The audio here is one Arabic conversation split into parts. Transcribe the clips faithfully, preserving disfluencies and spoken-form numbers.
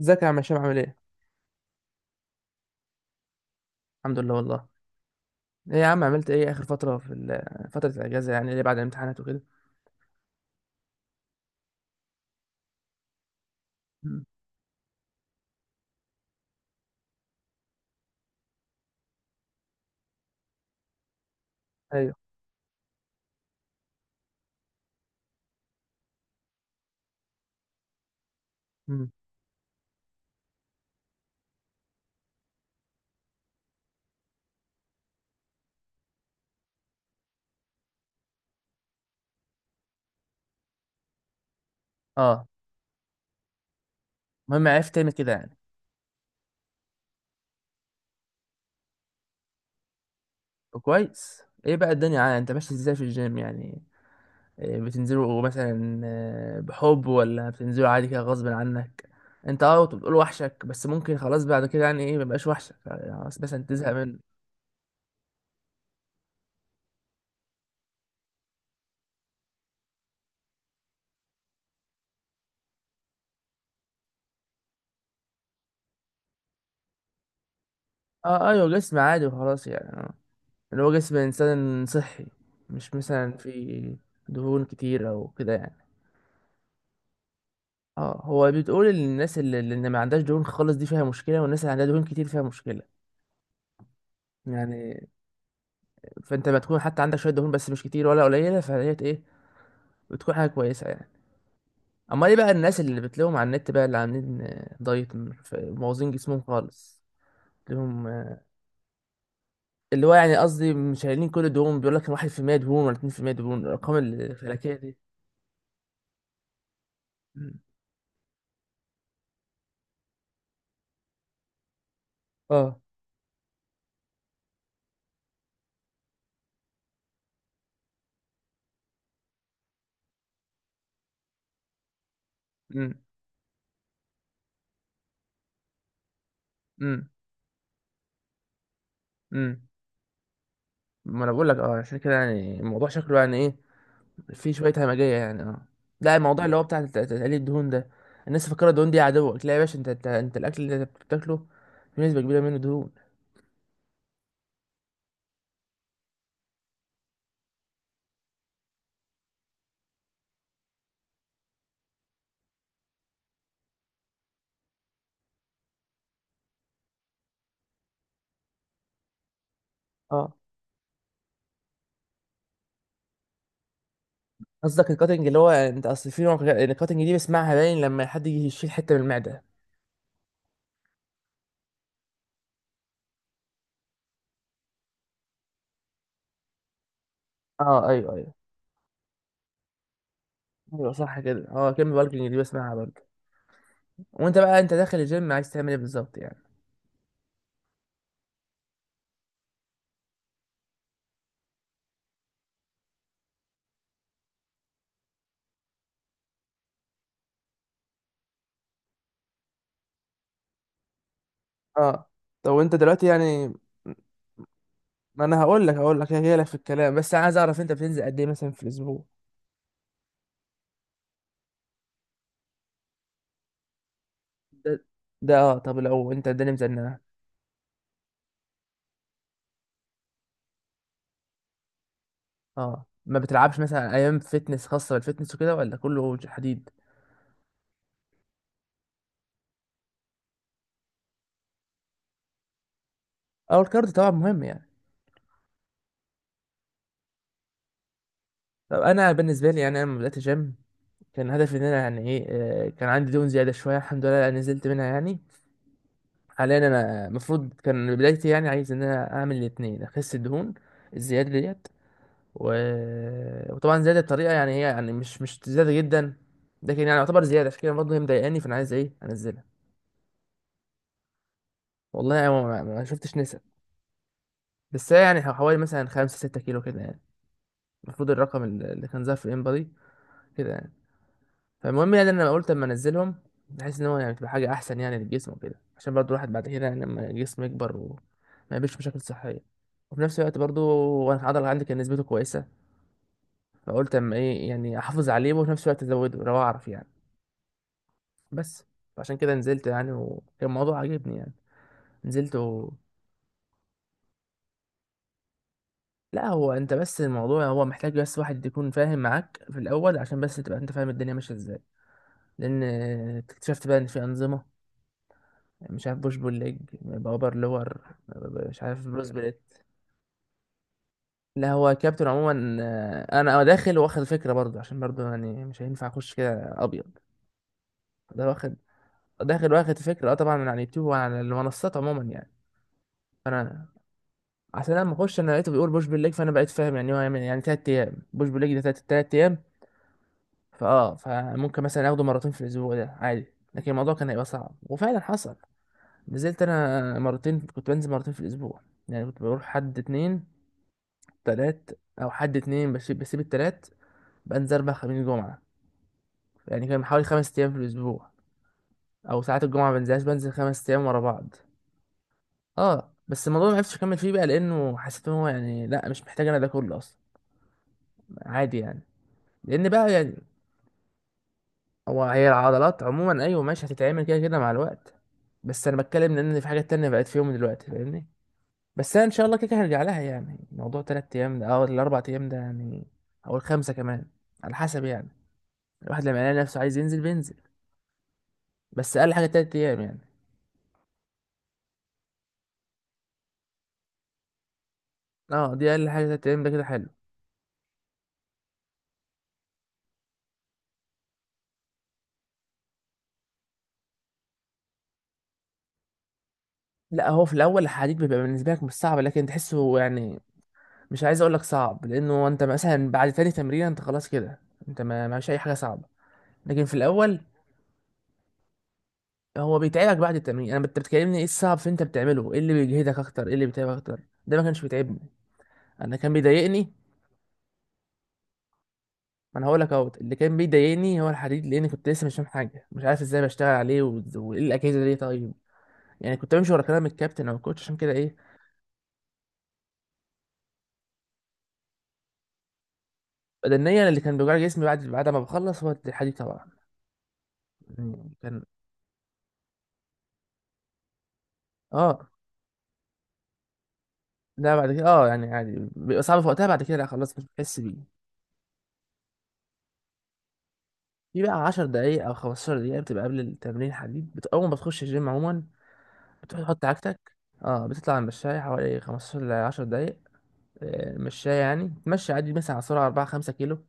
ازيك يا عم هشام عامل ايه؟ الحمد لله والله. ايه يا عم عملت ايه اخر فترة في ال- فترة الاجازة يعني اللي بعد الامتحانات وكده. مم. ايوه. امم اه، المهم عرفت تعمل كده يعني. طب كويس، ايه بقى الدنيا يعني انت ماشي ازاي في الجيم يعني؟ إيه بتنزلوا مثلا، آه، بحب ولا بتنزلوا عادي كده غصب عنك؟ انت اه كنت بتقول وحشك، بس ممكن خلاص بعد كده يعني ايه مبقاش وحشك يعني خلاص مثلا تزهق منه؟ اه اه، ايوه جسم عادي وخلاص يعني. آه. اللي هو جسم انسان صحي، مش مثلا في دهون كتير او كده يعني. اه، هو بتقول ان الناس اللي, اللي ما عندهاش دهون خالص دي فيها مشكله، والناس اللي عندها دهون كتير فيها مشكله يعني. فانت ما تكون حتى عندك شويه دهون بس مش كتير ولا قليله فديت ايه، بتكون حاجه كويسه يعني. اما ايه بقى الناس اللي بتلاقيهم على النت بقى اللي عاملين آه، دايت م- ف- مبوظين جسمهم خالص لهم، آه، اللي هو يعني قصدي مش شايلين كل دهون، بيقول لك واحد في المية دهون ولا اتنين في المية دهون، الارقام الفلكيه دي. مم. اه امم امم امم ما انا بقول لك اه عشان كده يعني الموضوع شكله يعني ايه، في شويه همجيه يعني اه لا، الموضوع اللي هو بتاع تق- تقليل الدهون ده، الناس فاكره الدهون دي عدوك. لا يا باشا، انت انت, انت الاكل اللي انت بتاكله في نسبه كبيره منه دهون. اه قصدك الكاتنج، اللي هو انت اصل في نوع ك- الكاتنج دي بسمعها، باين لما حد يجي يشيل حته من المعده. اه ايوه ايوه. ايوه صح كده، اه كلمه بالكنج دي بسمعها برضه. وانت بقى انت داخل الجيم عايز تعمل ايه بالظبط يعني؟ اه طب وانت دلوقتي يعني، ما انا هقول لك هقول لك هي لك في الكلام، بس انا عايز اعرف انت بتنزل قد ايه مثلا في الاسبوع؟ ده ده اه، طب لو انت الدنيا مزنقه؟ اه ما بتلعبش مثلا ايام فيتنس خاصه بالفيتنس وكده ولا كله حديد؟ اه الكارديو طبعا مهم يعني. طب انا بالنسبه لي يعني، انا لما بدات جيم كان هدفي ان انا يعني ايه، آه، كان عندي دهون زياده شويه، الحمد لله نزلت منها يعني. حاليا انا المفروض كان بدايتي يعني عايز ان انا اعمل الاثنين، اخس الدهون الزياده ديت، و... وطبعا زياده بطريقه يعني هي يعني مش مش زياده جدا، لكن يعني يعتبر زياده، عشان كده برضه هي مضايقاني، فانا عايز ايه انزلها. والله انا ما ما- ما شفتش نسب، بس هي يعني حوالي مثلا خمسة ستة كيلو كده يعني، المفروض الرقم اللي كان ظاهر في الانبادي كده يعني. فالمهم يعني انا قلت اما انزلهم، بحيث ان هو يعني تبقى حاجه احسن يعني للجسم وكده، عشان برضو الواحد بعد كده يعني لما الجسم يكبر وما يقابلش مشاكل صحيه، وفي نفس الوقت برضو وانا العضله عندي كان نسبته كويسه، فقلت اما ايه يعني احافظ عليه وفي نفس الوقت ازوده لو اعرف يعني. بس عشان كده نزلت يعني، وكان الموضوع عجبني يعني. نزلت و... لا هو انت، بس الموضوع هو محتاج بس واحد يكون فاهم معاك في الاول عشان بس تبقى انت فاهم الدنيا ماشيه ازاي، لان اكتشفت بقى ان في انظمه، مش عارف بوش بول ليج باور لور، مش عارف بروس بليت. لا هو كابتن عموما، آه، انا داخل واخد فكره برضه عشان برضه يعني مش هينفع اخش كده ابيض، ده واخد داخل واخد فكره اه طبعا من على اليوتيوب وعلى المنصات عموما يعني، فانا عشان لما اخش انا لقيته بيقول بوش بول ليج، فانا بقيت فاهم يعني هو هيعمل يعني تلات ايام بوش بول ليج ده تلات تلات ايام، فاه فممكن مثلا اخده مرتين في الاسبوع ده عادي. لكن الموضوع كان هيبقى صعب وفعلا حصل. نزلت انا مرتين، كنت بنزل مرتين في الاسبوع، يعني كنت بروح حد اتنين تلات، او حد اتنين بسيب بسيب التلات. بنزل اربع خميس جمعة، يعني كان حوالي خمس ايام في الاسبوع، او ساعات الجمعة بنزلش بنزل خمس ايام ورا بعض. اه بس الموضوع ما عرفتش اكمل فيه بقى، لانه حسيت ان هو يعني لا مش محتاج انا ده كله اصلا، عادي يعني. لان بقى يعني هو، هي العضلات عموما ايوه ماشي هتتعمل كده كده مع الوقت، بس انا بتكلم لان في حاجات تانية بقت في يوم دلوقتي فاهمني، بس انا ان شاء الله كده كده هرجع لها، يعني موضوع تلات ايام ده او الاربع ايام ده يعني او الخمسة كمان، على حسب يعني، الواحد لما يلاقي نفسه عايز ينزل بينزل، بس اقل حاجه تلات ايام يعني. اه دي اقل حاجه تلات ايام ده كده حلو. لا هو في الاول الحديد بيبقى بالنسبه لك مش صعب، لكن تحسه يعني، مش عايز اقول لك صعب، لانه انت مثلا بعد تاني تمرين انت خلاص كده انت ما معكش اي حاجه صعبه، لكن في الاول هو بيتعبك بعد التمرين. انا انت بتكلمني ايه الصعب في انت بتعمله، ايه اللي بيجهدك اكتر، ايه اللي بيتعبك اكتر؟ ده ما كانش بيتعبني. انا كان بيضايقني، ما انا هقول لك اهو اللي كان بيضايقني هو الحديد، لان كنت لسه مش فاهم حاجه مش عارف ازاي بشتغل عليه و- وايه الاجهزه دي طيب، يعني كنت بمشي ورا كلام الكابتن او الكوتش عشان كده ايه. بدنيا، أنا اللي كان بيوجع لي جسمي بعد بعد ما بخلص هو الحديد طبعا يعني كان. اه لا، بعد كده اه يعني عادي بيبقى صعب في وقتها، بعد كده لا خلاص مش بتحس بيه. في بقى عشر دقايق او خمستاشر دقيقة بتبقى قبل التمرين حديد، بت... اول ما بتخش الجيم عموما بتروح تحط عجتك. اه، بتطلع على المشاية حوالي خمسة عشر ل عشر دقايق، آه، مشاية يعني تمشي عادي مثلا على سرعة اربعة خمسة كيلو،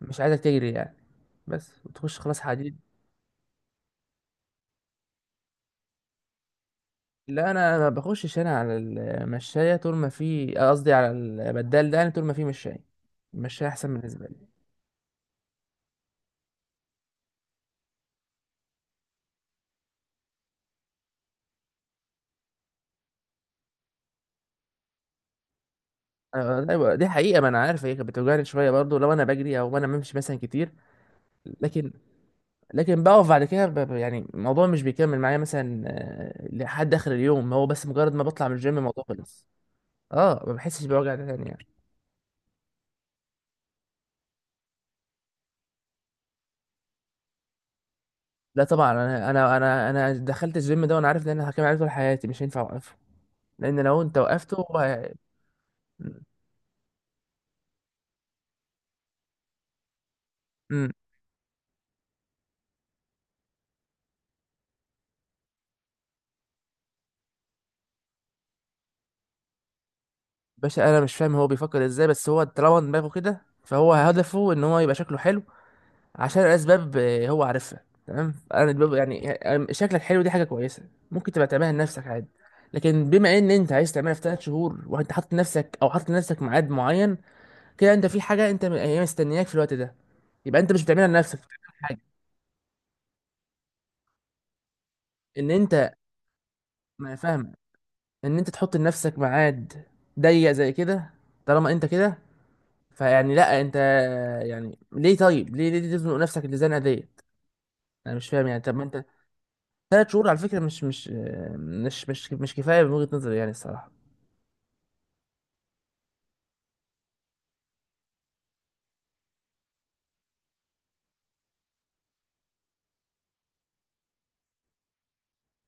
مش عايزك تجري يعني، بس وتخش خلاص حديد. لا انا ما بخشش انا على المشايه، طول ما في قصدي على البدال ده يعني، طول ما في مشايه المشايه احسن بالنسبه لي. آه، ايوه دي حقيقه، ما انا عارف هي كانت بتوجعني شويه برضو لو انا بجري او انا بمشي مثلا كتير، لكن، لكن بقف بعد كده ب- ب- يعني الموضوع مش بيكمل معايا مثلا، آه، لحد اخر اليوم، هو بس مجرد ما بطلع من الجيم الموضوع خلص، اه ما بحسش بوجع ده تاني يعني. لا طبعا، انا انا انا انا دخلت الجيم ده وانا عارف ان انا هكمل عليه طول حياتي، مش هينفع اوقفه، لان لو انت وقفته هو. باشا انا مش فاهم هو بيفكر ازاي، بس هو طالما دماغه كده فهو هدفه ان هو يبقى شكله حلو عشان اسباب، آه، هو عارفها تمام، انا دماغ- يعني آه، شكلك حلو دي حاجه كويسه ممكن تبقى تعملها لنفسك عادي، لكن بما ان انت عايز تعملها في ثلاث شهور وانت حاطط نفسك او حاطط لنفسك ميعاد معين، كده انت في حاجه انت م- هي مستنياك في الوقت ده، يبقى انت مش بتعملها لنفسك، بتعملها حاجه، ان انت ما فاهم ان انت تحط لنفسك ميعاد ضيق زي كده، طالما انت كده فيعني، لا انت يعني ليه، طيب ليه ليه تزنق نفسك الزنقه ديت؟ انا مش فاهم يعني، طب ما انت، ثلاث شهور على فكره مش مش مش مش مش كفايه من وجهه نظري يعني الصراحه.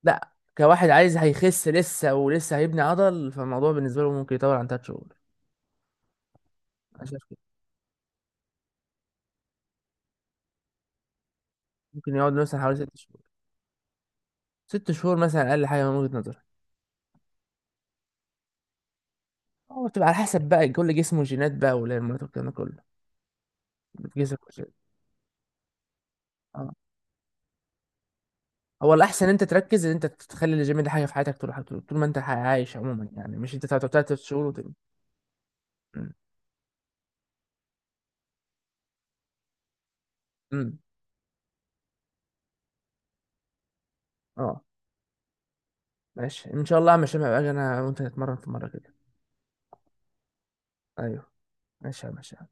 لا، كواحد عايز هيخس لسه ولسه هيبني عضل فالموضوع بالنسبه له ممكن يطول عن ثلاث شهور، انا شايف كده، ممكن يقعد مثلا حوالي ست شهور، ست شهور مثلا اقل حاجه من وجهه نظري، هو بتبقى على حسب بقى كل جسمه، جينات بقى والهرمونات والكلام ده كله، جسمك وجينات. آه. هو الأحسن أنت تركز إن أنت تخلي الجيم ده حاجة في حياتك طول طول طول ما أنت عايش عموما، يعني مش أنت تقعد تلات شهور وت... مم. مم. أه. ماشي إن شاء الله يا هشام، هبقى أجي أنا وأنت نتمرن في مرة كده. أيوه ماشي يا هشام.